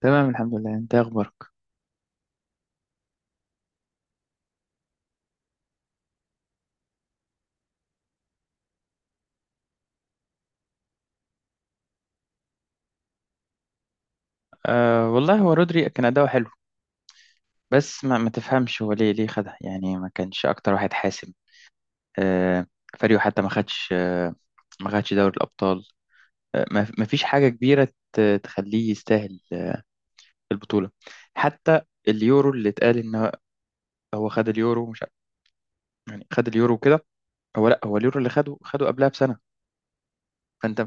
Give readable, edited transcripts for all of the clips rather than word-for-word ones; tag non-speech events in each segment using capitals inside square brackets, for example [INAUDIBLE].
تمام، الحمد لله. انت إيه اخبارك؟ أه والله، هو رودري كان اداؤه حلو. بس ما تفهمش هو ليه خدها. يعني ما كانش اكتر واحد حاسم. أه فريقه حتى ما خدش ما خدش دوري الابطال. ما فيش حاجه كبيره تخليه يستاهل البطوله حتى. اليورو اللي اتقال ان هو خد اليورو مش ع- يعني خد اليورو كده. هو، لا، هو اليورو اللي خده قبلها بسنه. فانت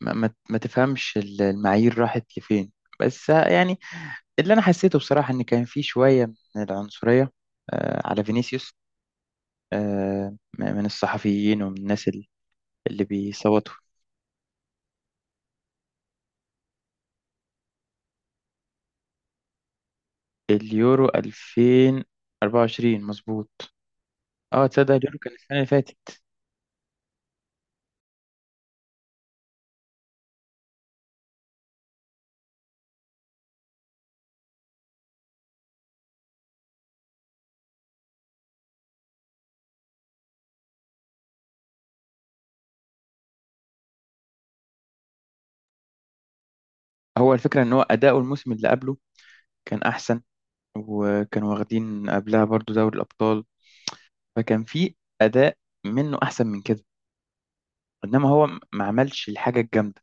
ما تفهمش المعايير راحت لفين. بس يعني اللي انا حسيته بصراحه ان كان في شويه من العنصريه على فينيسيوس، من الصحفيين ومن الناس اللي بيصوتوا. اليورو 2024 مظبوط. اه، تصدق اليورو كان السنه اللي فاتت. هو الفكره ان هو اداؤه الموسم اللي قبله كان احسن، وكانوا واخدين قبلها برضو دوري الابطال. فكان في اداء منه احسن من كده. انما هو ما عملش الحاجه الجامده،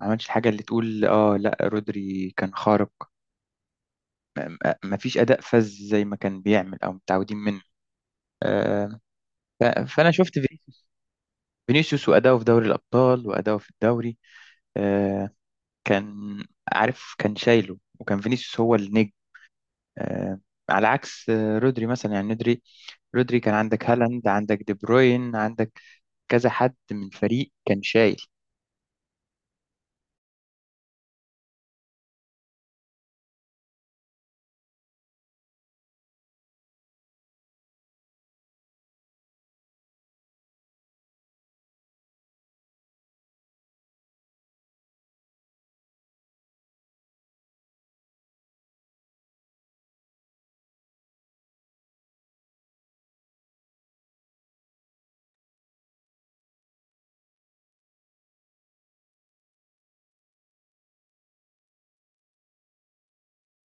ما عملش الحاجة اللي تقول اه لا رودري كان خارق. ما فيش أداء فذ زي ما كان بيعمل أو متعودين منه، آه، ف- فأنا شفت فينيسيوس وأداؤه في دوري الأبطال وأداؤه في الدوري، آه، كان عارف، كان شايله وكان فينيسيوس هو النجم، آه، على عكس رودري مثلا. يعني رودري كان عندك هالاند، عندك دي بروين، عندك كذا حد من الفريق كان شايل.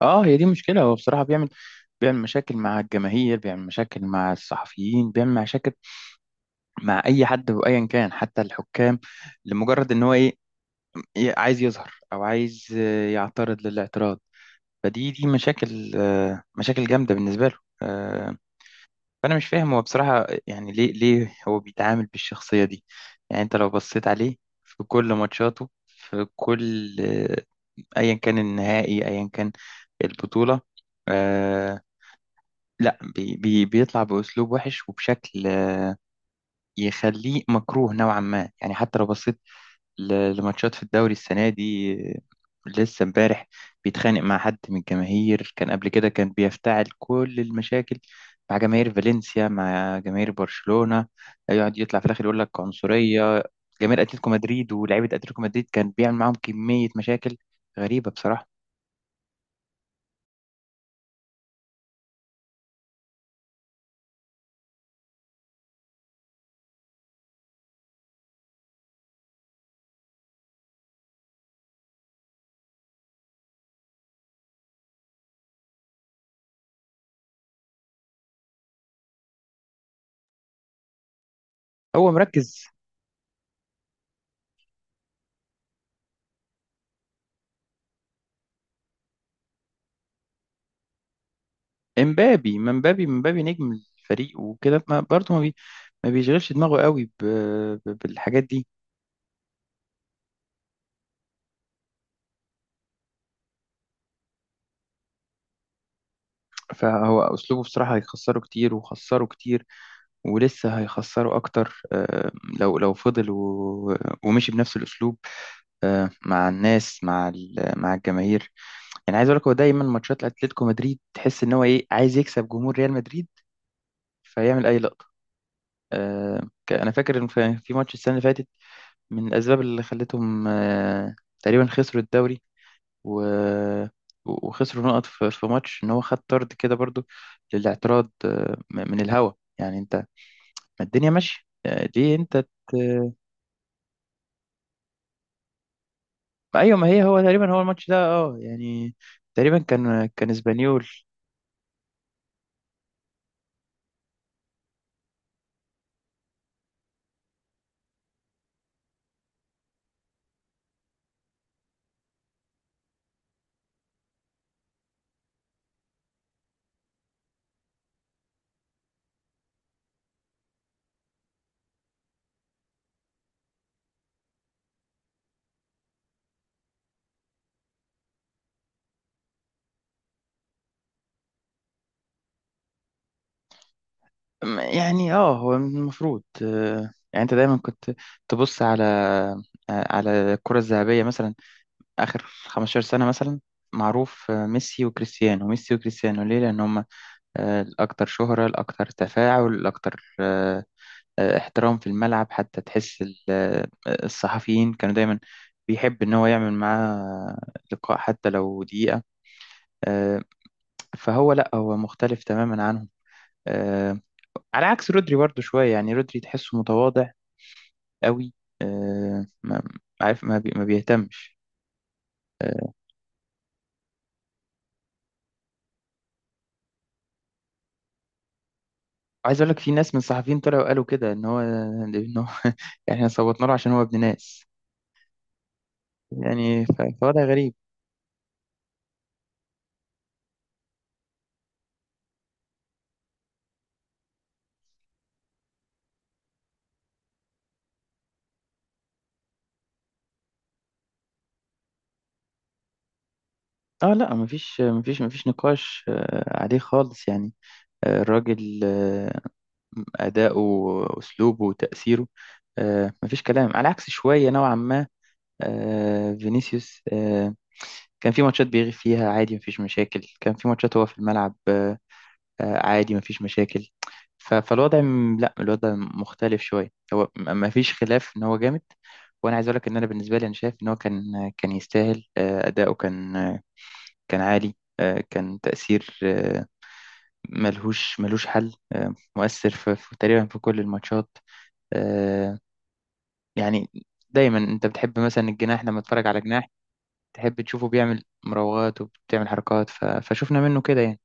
اه، هي دي مشكلة. هو بصراحة بيعمل مشاكل مع الجماهير، بيعمل مشاكل مع الصحفيين، بيعمل مشاكل مع اي حد وايا كان، حتى الحكام، لمجرد ان هو ايه، إيه عايز يظهر او عايز يعترض للاعتراض. فدي مشاكل، مشاكل جامده بالنسبه له، فانا مش فاهم هو بصراحه يعني ليه هو بيتعامل بالشخصيه دي. يعني انت لو بصيت عليه في كل ماتشاته، في كل، ايا كان النهائي، ايا كان البطوله، آه، لا بي بيطلع بأسلوب وحش وبشكل يخليه مكروه نوعا ما. يعني حتى لو بصيت لماتشات في الدوري السنة دي، لسه امبارح بيتخانق مع حد من الجماهير. كان قبل كده كان بيفتعل كل المشاكل مع جماهير فالنسيا، مع جماهير برشلونة، يقعد يطلع في الآخر يقول لك عنصرية. جماهير أتلتيكو مدريد ولاعيبة أتلتيكو مدريد كان بيعمل معاهم كمية مشاكل غريبة بصراحة. هو مركز، امبابي، ما امبابي، امبابي نجم الفريق وكده. ما برضه ما بيشغلش دماغه قوي ب... بالحاجات دي. فهو اسلوبه بصراحه هيخسره كتير، وخسره كتير، ولسه هيخسروا أكتر، لو فضل ومشي بنفس الأسلوب، مع الناس، مع مع الجماهير. يعني عايز أقول لك هو دايما ماتشات أتلتيكو مدريد تحس إن هو إيه عايز يكسب جمهور ريال مدريد، فيعمل أي لقطة. أنا فاكر إن في ماتش السنة اللي فاتت، من الأسباب اللي خلتهم، تقريبا خسروا الدوري و- وخسروا نقط في ماتش، إن هو خد طرد كده برضو للاعتراض، من الهوا. يعني أنت، ما الدنيا ماشية، ليه أنت. ايوه، ما هي هو تقريبا هو الماتش ده اه يعني تقريبا كان اسبانيول. يعني اه، هو المفروض، يعني انت دايما كنت تبص على، على الكرة الذهبية مثلا اخر 15 سنة مثلا. معروف، ميسي وكريستيانو، ميسي وكريستيانو ليه؟ لان هم، الاكثر شهرة، الاكثر تفاعل، الاكثر، احترام في الملعب. حتى تحس الصحفيين كانوا دايما بيحب ان هو يعمل معاه لقاء حتى لو دقيقة، آه، فهو لا، هو مختلف تماما عنهم. آه على عكس رودري برضو شوية، يعني رودري تحسه متواضع قوي. ما عارف، ما بيهتمش. آه عايز اقول لك في ناس من الصحفيين طلعوا قالوا كده ان هو ان هو [LAUGHS] يعني احنا صوتنا له عشان هو ابن ناس. يعني فوضع غريب. اه لا، ما فيش نقاش آه عليه خالص يعني. آه الراجل آه أداؤه وأسلوبه وتأثيره، آه ما فيش كلام. على عكس شوية نوعا ما، فينيسيوس، كان في ماتشات بيغيب فيها عادي، مفيش مشاكل. كان في ماتشات هو في الملعب، عادي مفيش مشاكل. فالوضع لا، الوضع مختلف شوية. هو مفيش خلاف إن هو جامد. وأنا عايز أقولك إن أنا بالنسبة لي أنا شايف إن هو كان يستاهل. أداؤه كان، كان عالي، كان تأثير، ملهوش حل، مؤثر في تقريبا في كل الماتشات، آه، يعني دايما أنت بتحب مثلا الجناح، لما تتفرج على جناح تحب تشوفه بيعمل مراوغات وبتعمل حركات ف... فشوفنا منه كده يعني.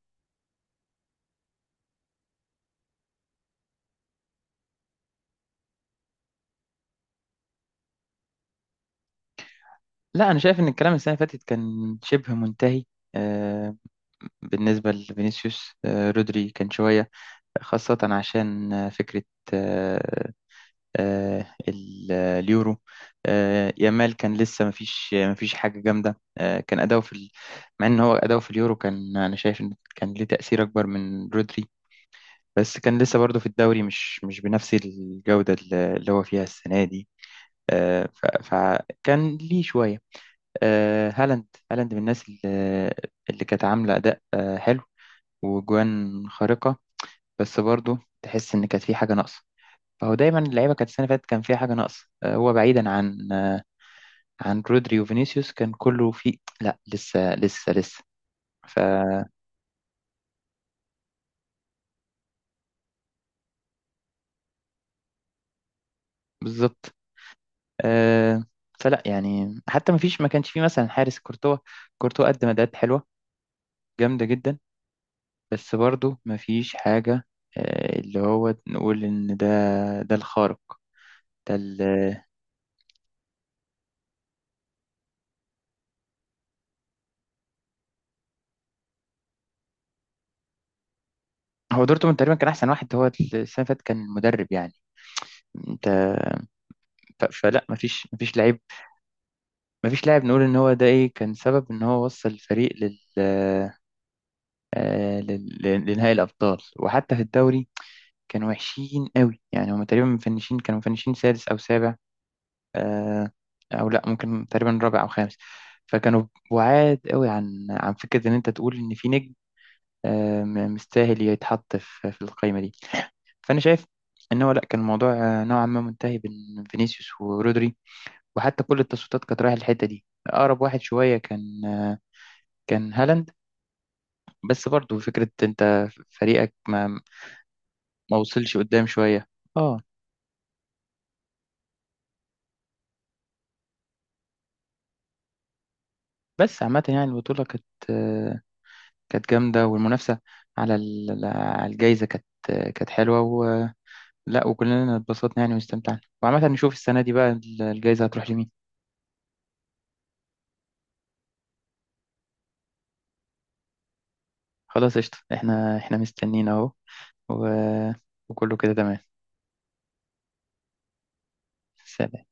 لا، انا شايف ان الكلام السنه اللي فاتت كان شبه منتهي، آه، بالنسبه لفينيسيوس. رودري كان شويه خاصه عشان، فكره، آه، اليورو. يامال كان لسه مفيش حاجه جامده، كان اداؤه في ال... مع ان هو اداؤه في اليورو كان انا شايف ان كان ليه تاثير اكبر من رودري، بس كان لسه برضه في الدوري مش بنفس الجودة اللي هو فيها السنة دي، فكان ليه شوية، هالاند. هالاند من الناس اللي كانت عاملة أداء، حلو وجوان خارقة، بس برضه تحس إن كانت في حاجة ناقصة. فهو دايما اللعيبة كانت السنة اللي فاتت كان فيها حاجة ناقصة، هو بعيدا عن، عن رودري وفينيسيوس كان كله في لا، لسه. فبالظبط. آه، فلا يعني حتى ما فيش، ما كانش فيه مثلا حارس كورتوا. كورتوا قدم أداءات حلوة جامدة جدا، بس برضو مفيش حاجة، اللي هو نقول إن ده، ده الخارق، ده هو دورتموند تقريبا كان أحسن واحد. هو السنة اللي فاتت كان المدرب يعني أنت. فلا مفيش لعيب، مفيش لاعب نقول إن هو ده إيه كان سبب إن هو وصل الفريق لل، لنهائي الأبطال. وحتى في الدوري كانوا وحشين قوي يعني. هم تقريبا مفنشين، كانوا مفنشين سادس أو سابع، آه، او لا، ممكن تقريبا رابع او خامس. فكانوا بعاد قوي عن، عن فكره ان انت تقول ان في نجم، مستاهل يتحط في القائمه دي. فانا شايف ان هو لا، كان الموضوع، نوعا ما منتهي بين فينيسيوس ورودري. وحتى كل التصويتات كانت رايحه الحته دي. اقرب واحد شويه كان، كان هالاند، بس برضو فكره انت فريقك ما، ما وصلش قدام شويه. اه. بس عامه يعني البطوله كانت، آه، كانت جامدة، والمنافسة على على الجايزة كانت، كانت حلوة، ولا وكلنا اتبسطنا يعني واستمتعنا، وعامة نشوف السنة دي بقى الجايزة هتروح لمين. خلاص، قشطة. احنا مستنيين اهو و... وكله كده تمام. سلام.